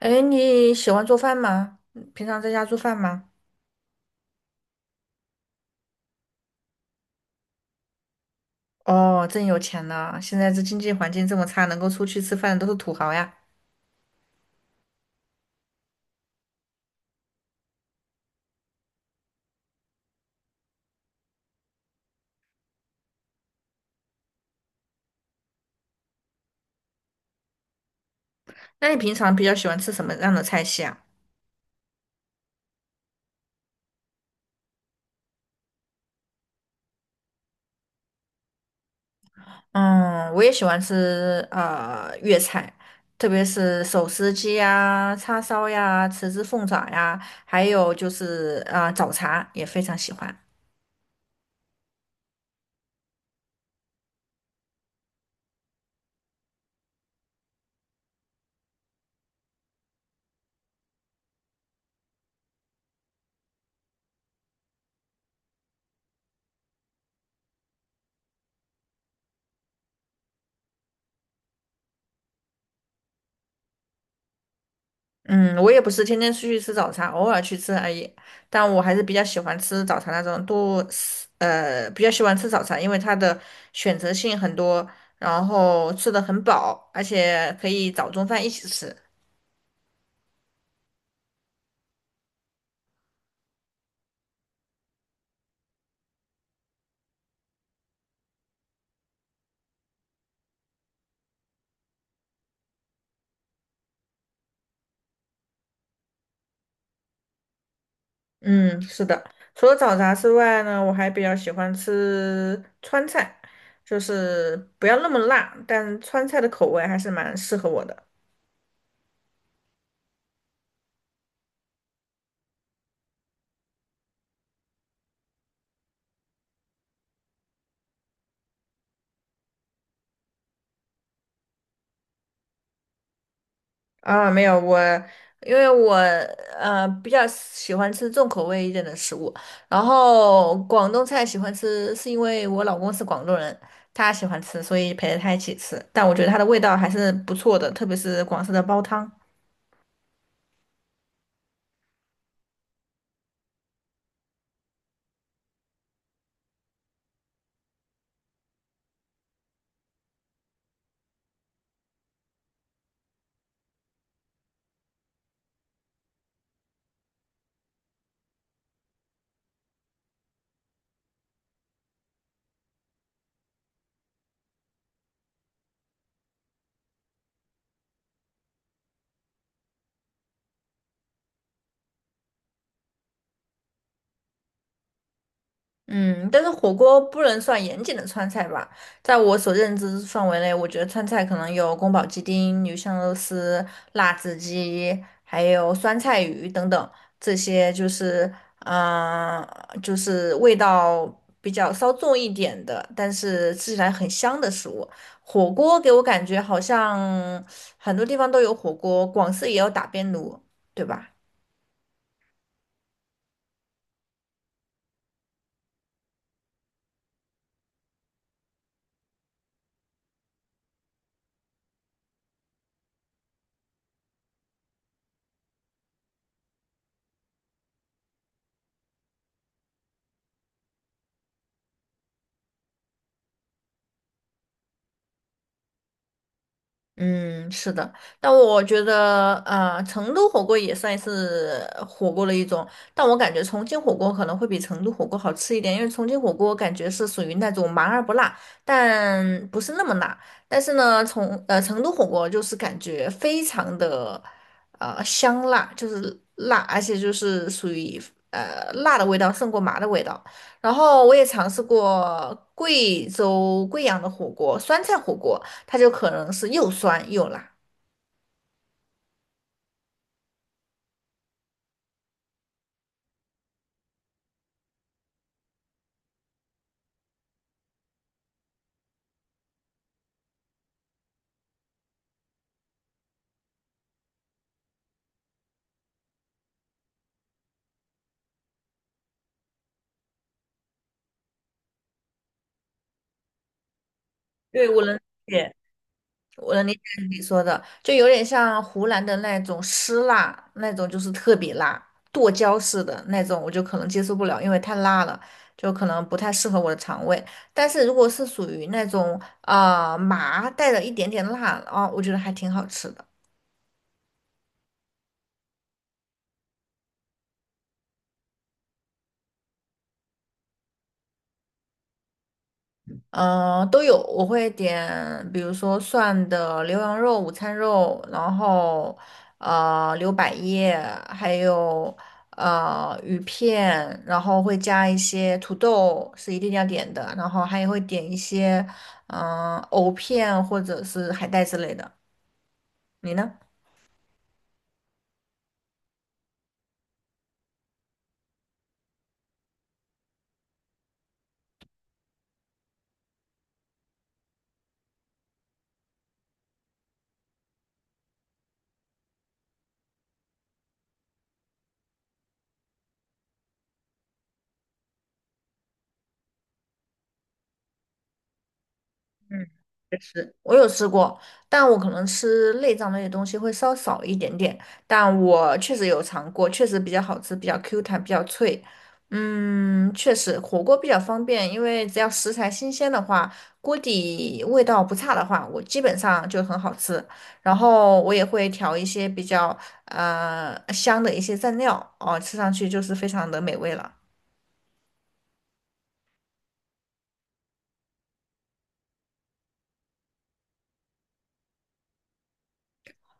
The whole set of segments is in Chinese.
哎，你喜欢做饭吗？嗯平常在家做饭吗？哦，真有钱呢！现在这经济环境这么差，能够出去吃饭的都是土豪呀。那你平常比较喜欢吃什么样的菜系啊？嗯，我也喜欢吃粤菜，特别是手撕鸡呀、叉烧呀、豉汁凤爪呀，还有就是早茶也非常喜欢。嗯，我也不是天天出去吃早茶，偶尔去吃而已。但我还是比较喜欢吃早茶那种多，比较喜欢吃早茶，因为它的选择性很多，然后吃的很饱，而且可以早中饭一起吃。嗯，是的。除了早茶之外呢，我还比较喜欢吃川菜，就是不要那么辣，但川菜的口味还是蛮适合我的。啊，没有我，因为我比较喜欢吃重口味一点的食物，然后广东菜喜欢吃，是因为我老公是广东人，他喜欢吃，所以陪着他一起吃。但我觉得它的味道还是不错的，特别是广式的煲汤。嗯，但是火锅不能算严谨的川菜吧？在我所认知范围内，我觉得川菜可能有宫保鸡丁、鱼香肉丝、辣子鸡，还有酸菜鱼等等，这些就是，嗯、就是味道比较稍重一点的，但是吃起来很香的食物。火锅给我感觉好像很多地方都有火锅，广式也有打边炉，对吧？嗯，是的，但我觉得，成都火锅也算是火锅的一种，但我感觉重庆火锅可能会比成都火锅好吃一点，因为重庆火锅感觉是属于那种麻而不辣，但不是那么辣。但是呢，从成都火锅就是感觉非常的香辣，就是辣，而且就是属于辣的味道胜过麻的味道。然后我也尝试过贵州贵阳的火锅，酸菜火锅。它就可能是又酸又辣。对，我能理解。我能理解你说的，就有点像湖南的那种湿辣，那种就是特别辣，剁椒式的那种，我就可能接受不了，因为太辣了，就可能不太适合我的肠胃。但是如果是属于那种麻带了一点点辣啊，我觉得还挺好吃的。都有，我会点，比如说涮的牛羊肉、午餐肉，然后牛百叶，还有鱼片，然后会加一些土豆，是一定要点的，然后还会点一些藕片或者是海带之类的。你呢？嗯，确实，我有吃过，但我可能吃内脏类的东西会稍少一点点，但我确实有尝过，确实比较好吃，比较 Q 弹，比较脆。嗯，确实，火锅比较方便，因为只要食材新鲜的话，锅底味道不差的话，我基本上就很好吃。然后我也会调一些比较香的一些蘸料，哦，吃上去就是非常的美味了。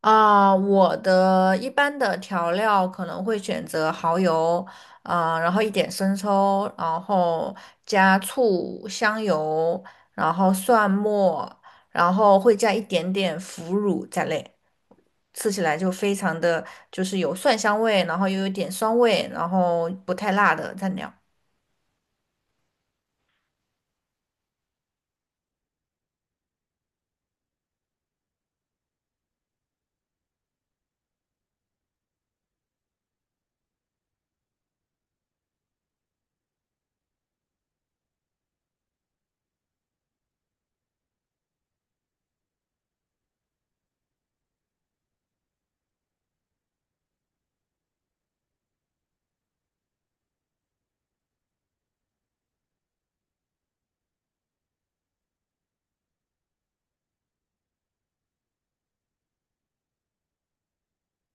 啊，我的一般的调料可能会选择蚝油，啊，然后一点生抽，然后加醋、香油，然后蒜末，然后会加一点点腐乳在内，吃起来就非常的就是有蒜香味，然后又有点酸味，然后不太辣的蘸料。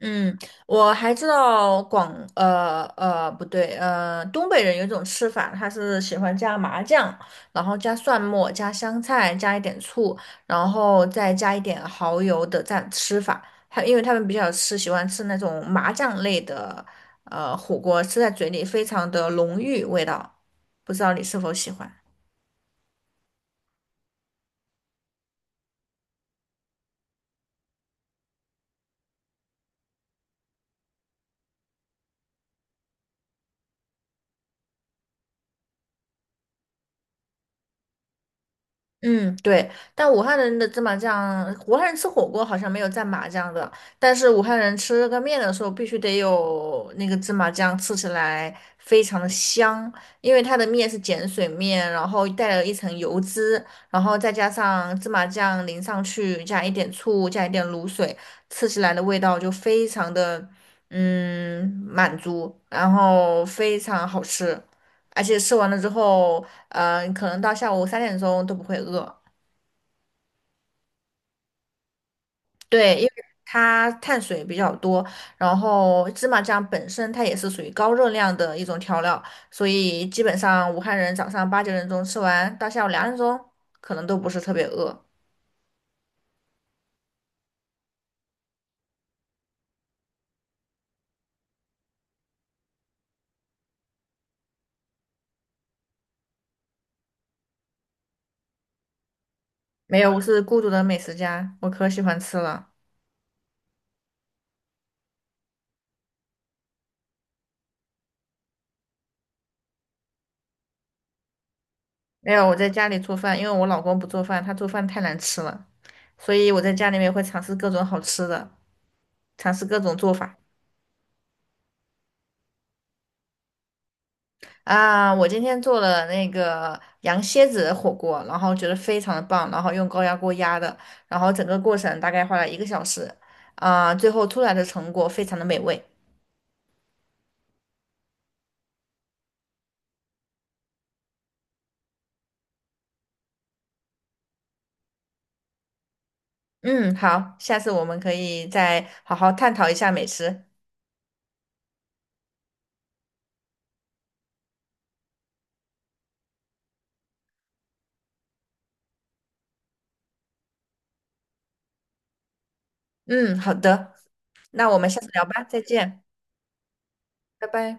嗯，我还知道广呃呃不对呃东北人有一种吃法，他是喜欢加麻酱，然后加蒜末、加香菜、加一点醋，然后再加一点蚝油的蘸吃法。他因为他们比较吃喜欢吃那种麻酱类的火锅，吃在嘴里非常的浓郁味道，不知道你是否喜欢？嗯，对，但武汉人的芝麻酱，武汉人吃火锅好像没有蘸麻酱的，但是武汉人吃这个面的时候必须得有那个芝麻酱，吃起来非常的香，因为它的面是碱水面，然后带了一层油脂，然后再加上芝麻酱淋上去，加一点醋，加一点卤水，吃起来的味道就非常的满足，然后非常好吃，而且吃完了之后。可能到下午3点钟都不会饿。对，因为它碳水比较多，然后芝麻酱本身它也是属于高热量的一种调料，所以基本上武汉人早上8、9点钟吃完，到下午2点钟可能都不是特别饿。没有，我是孤独的美食家，我可喜欢吃了。没有，我在家里做饭，因为我老公不做饭，他做饭太难吃了，所以我在家里面会尝试各种好吃的，尝试各种做法。啊，我今天做了那个羊蝎子的火锅，然后觉得非常的棒，然后用高压锅压的，然后整个过程大概花了1个小时，啊，最后出来的成果非常的美味。嗯，好，下次我们可以再好好探讨一下美食。嗯，好的，那我们下次聊吧，再见，拜拜。